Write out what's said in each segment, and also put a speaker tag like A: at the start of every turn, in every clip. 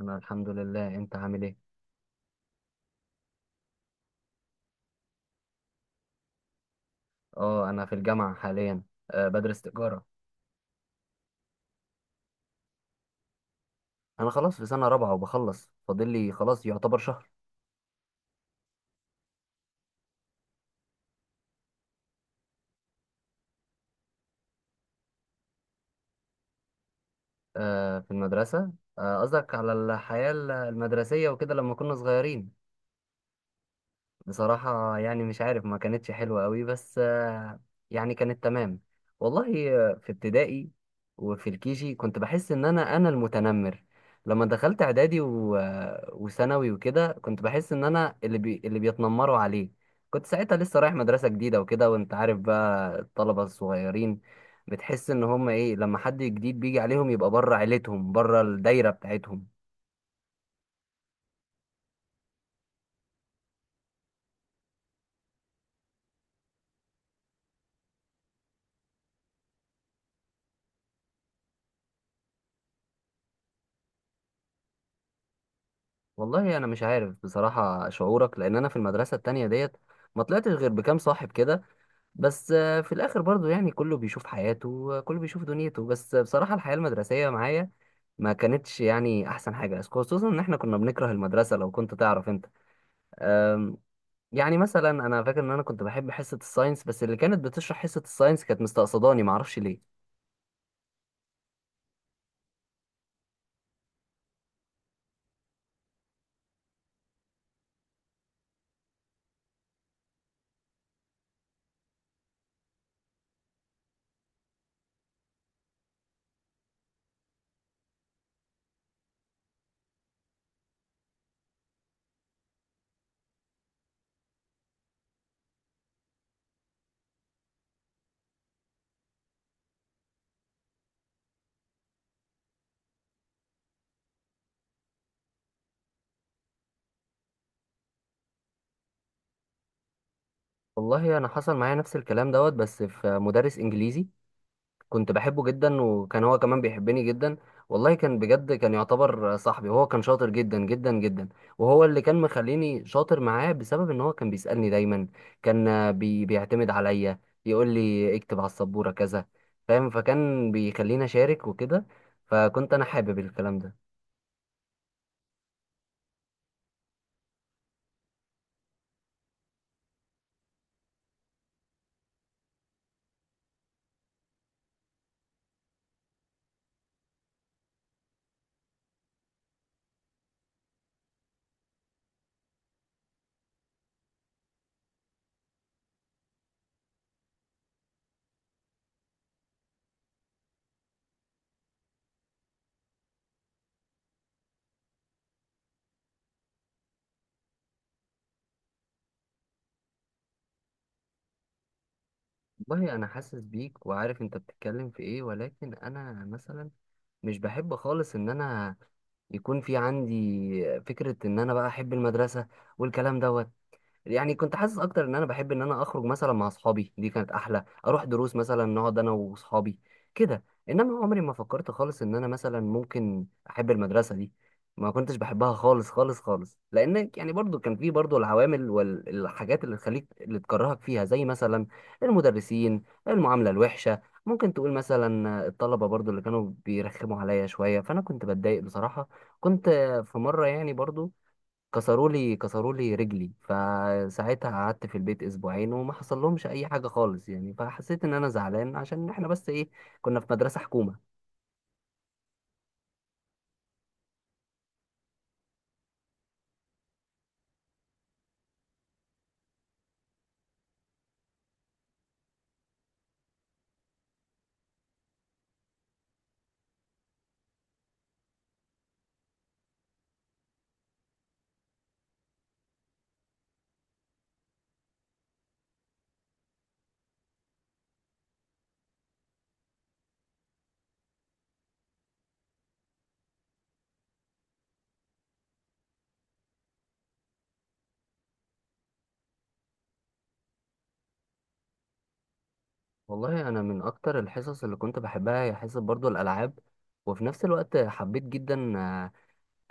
A: انا الحمد لله، انت عامل ايه؟ اه انا في الجامعه حاليا. بدرس تجاره. انا خلاص في سنه رابعه وبخلص، فاضل لي خلاص يعتبر شهر. أه، في المدرسه قصدك؟ قصدك على الحياه المدرسيه وكده لما كنا صغيرين. بصراحة يعني مش عارف، ما كانتش حلوة قوي، بس يعني كانت تمام. والله في ابتدائي وفي الكيجي كنت بحس ان انا المتنمر. لما دخلت اعدادي وثانوي وكده كنت بحس ان انا اللي اللي بيتنمروا عليه. كنت ساعتها لسه رايح مدرسة جديدة وكده، وانت عارف بقى الطلبة الصغيرين بتحس ان هم ايه لما حد جديد بيجي عليهم يبقى بره عيلتهم، بره الدايرة بتاعتهم. والله انا مش عارف بصراحه شعورك، لان انا في المدرسه التانية ديت ما طلعتش غير بكام صاحب كده. بس في الاخر برضو يعني كله بيشوف حياته، كله بيشوف دنيته. بس بصراحه الحياه المدرسيه معايا ما كانتش يعني احسن حاجه، خصوصا ان احنا كنا بنكره المدرسه لو كنت تعرف انت. أم، يعني مثلا انا فاكر ان انا كنت بحب حصه الساينس، بس اللي كانت بتشرح حصه الساينس كانت مستقصداني ما اعرفش ليه. والله انا حصل معايا نفس الكلام دوت، بس في مدرس انجليزي كنت بحبه جدا، وكان هو كمان بيحبني جدا. والله كان بجد كان يعتبر صاحبي، وهو كان شاطر جدا جدا جدا. وهو اللي كان مخليني شاطر معاه بسبب ان هو كان بيسألني دايما. كان آه، بي بيعتمد عليا، يقول لي اكتب على السبورة كذا، فاهم؟ فكان بيخليني اشارك وكده، فكنت انا حابب الكلام ده. والله انا حاسس بيك وعارف انت بتتكلم في ايه، ولكن انا مثلا مش بحب خالص ان انا يكون في عندي فكرة ان انا بقى احب المدرسة والكلام ده. يعني كنت حاسس اكتر ان انا بحب ان انا اخرج مثلا مع اصحابي، دي كانت احلى، اروح دروس مثلا نقعد انا واصحابي كده. انما عمري ما فكرت خالص ان انا مثلا ممكن احب المدرسه دي. ما كنتش بحبها خالص خالص خالص، لان يعني برضو كان في برضو العوامل والحاجات اللي تكرهك فيها، زي مثلا المدرسين، المعامله الوحشه. ممكن تقول مثلا الطلبه برضو اللي كانوا بيرخموا عليا شويه، فانا كنت بتضايق بصراحه. كنت في مره يعني برضو كسروا لي رجلي، فساعتها قعدت في البيت اسبوعين وما حصل لهمش اي حاجه خالص، يعني فحسيت ان انا زعلان، عشان احنا بس ايه، كنا في مدرسه حكومه. والله انا من اكتر الحصص اللي كنت بحبها هي حصه برضو الالعاب، وفي نفس الوقت حبيت جدا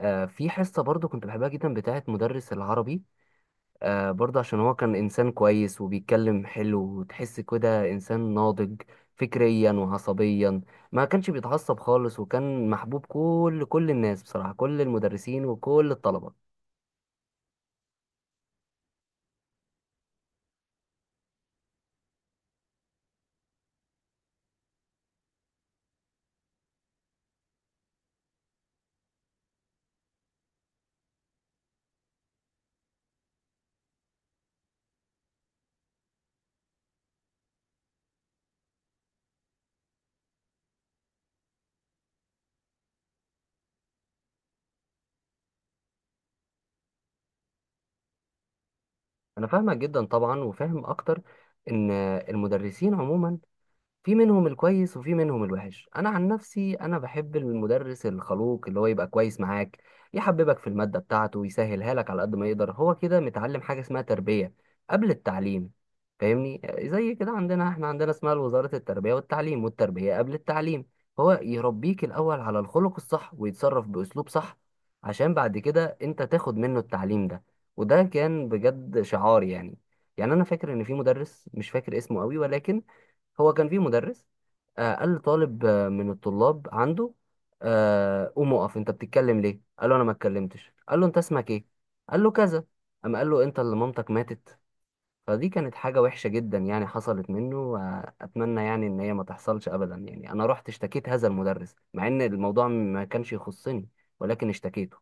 A: في حصه برضو كنت بحبها جدا بتاعه مدرس العربي. برضه عشان هو كان إنسان كويس وبيتكلم حلو، وتحس كده إنسان ناضج فكريا وعصبيا. ما كانش بيتعصب خالص، وكان محبوب كل الناس بصراحة، كل المدرسين وكل الطلبة. أنا فاهمك جدا طبعا، وفاهم أكتر إن المدرسين عموما في منهم الكويس وفي منهم الوحش. انا عن نفسي انا بحب المدرس الخلوق اللي هو يبقى كويس معاك، يحببك في المادة بتاعته ويسهلها لك على قد ما يقدر. هو كده متعلم حاجة اسمها تربية قبل التعليم. فاهمني؟ زي كده عندنا، احنا عندنا اسمها وزارة التربية والتعليم، والتربية قبل التعليم. هو يربيك الاول على الخلق الصح ويتصرف باسلوب صح، عشان بعد كده انت تاخد منه التعليم ده. وده كان بجد شعار يعني. يعني انا فاكر ان في مدرس، مش فاكر اسمه قوي ولكن، هو كان في مدرس قال لطالب من الطلاب عنده، قوم اقف، انت بتتكلم ليه؟ قال له انا ما اتكلمتش. قال له انت اسمك ايه؟ قال له كذا. اما قال له انت اللي مامتك ماتت. فدي كانت حاجة وحشة جدا يعني حصلت منه، اتمنى يعني ان هي ما تحصلش ابدا. يعني انا رحت اشتكيت هذا المدرس مع ان الموضوع ما كانش يخصني، ولكن اشتكيته.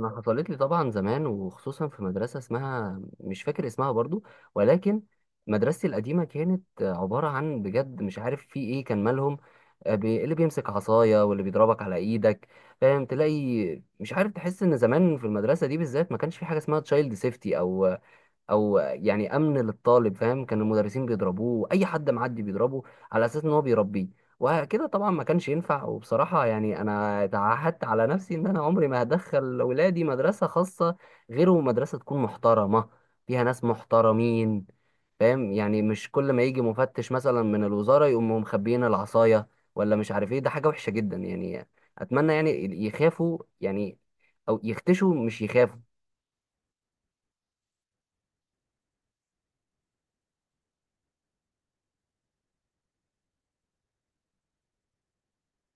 A: انا حصلت لي طبعا زمان، وخصوصا في مدرسه اسمها مش فاكر اسمها برضو، ولكن مدرستي القديمه كانت عباره عن بجد مش عارف في ايه كان مالهم. اللي بيمسك عصايه واللي بيضربك على ايدك، فاهم؟ تلاقي مش عارف، تحس ان زمان في المدرسه دي بالذات ما كانش في حاجه اسمها تشايلد سيفتي او يعني امن للطالب، فاهم؟ كان المدرسين بيضربوه، اي حد معدي بيضربه على اساس ان هو بيربيه، وكده طبعا ما كانش ينفع. وبصراحة يعني انا تعهدت على نفسي ان انا عمري ما هدخل ولادي مدرسة خاصة، غير مدرسة تكون محترمة، فيها ناس محترمين، فاهم؟ يعني مش كل ما يجي مفتش مثلا من الوزارة يقوموا مخبيين العصاية، ولا مش عارف ايه، ده حاجة وحشة جدا يعني. اتمنى يعني يخافوا، يعني او يختشوا، مش يخافوا.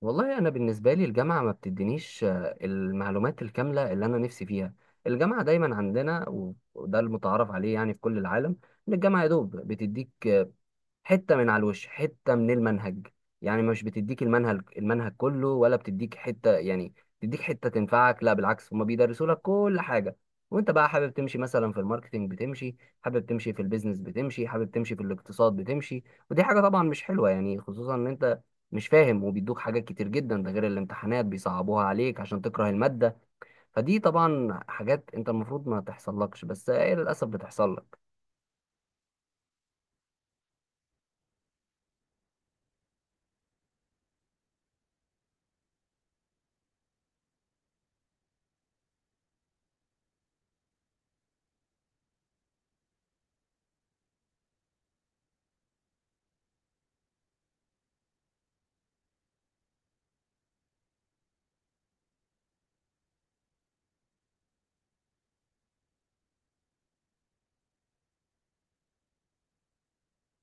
A: والله انا بالنسبه لي الجامعه ما بتدينيش المعلومات الكامله اللي انا نفسي فيها. الجامعه دايما عندنا، وده المتعارف عليه يعني في كل العالم، ان الجامعه يا دوب بتديك حته من على الوش، حته من المنهج. يعني مش بتديك المنهج كله، ولا بتديك حته يعني بتديك حته تنفعك. لا بالعكس، هما بيدرسوا لك كل حاجه، وانت بقى حابب تمشي مثلا في الماركتينج بتمشي، حابب تمشي في البيزنس بتمشي، حابب تمشي في الاقتصاد بتمشي. ودي حاجه طبعا مش حلوه يعني، خصوصا ان انت مش فاهم، وبيدوك حاجات كتير جدا، ده غير الامتحانات بيصعبوها عليك عشان تكره الماده. فدي طبعا حاجات انت المفروض ما تحصل لكش، بس هي للاسف بتحصل لك.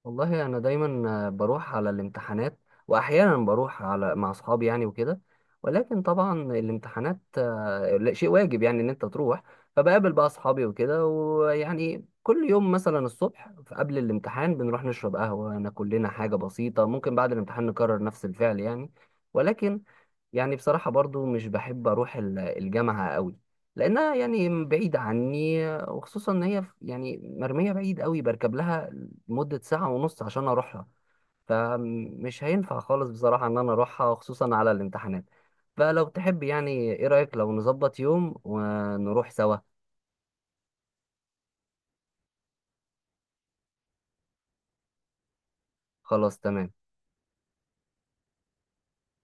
A: والله انا دايما بروح على الامتحانات، واحيانا بروح مع اصحابي يعني وكده. ولكن طبعا الامتحانات لا، شيء واجب يعني ان انت تروح. فبقابل بقى اصحابي وكده، ويعني كل يوم مثلا الصبح قبل الامتحان بنروح نشرب قهوة، ناكل لنا حاجة بسيطة، ممكن بعد الامتحان نكرر نفس الفعل يعني. ولكن يعني بصراحة برضو مش بحب أروح الجامعة قوي، لأنها يعني بعيدة عني، وخصوصا إن هي يعني مرمية بعيد قوي، بركب لها مدة ساعة ونص عشان أروحها. فمش هينفع خالص بصراحة إن أنا أروحها خصوصا على الامتحانات. فلو تحب يعني، إيه رأيك لو نظبط يوم ونروح سوا؟ خلاص تمام.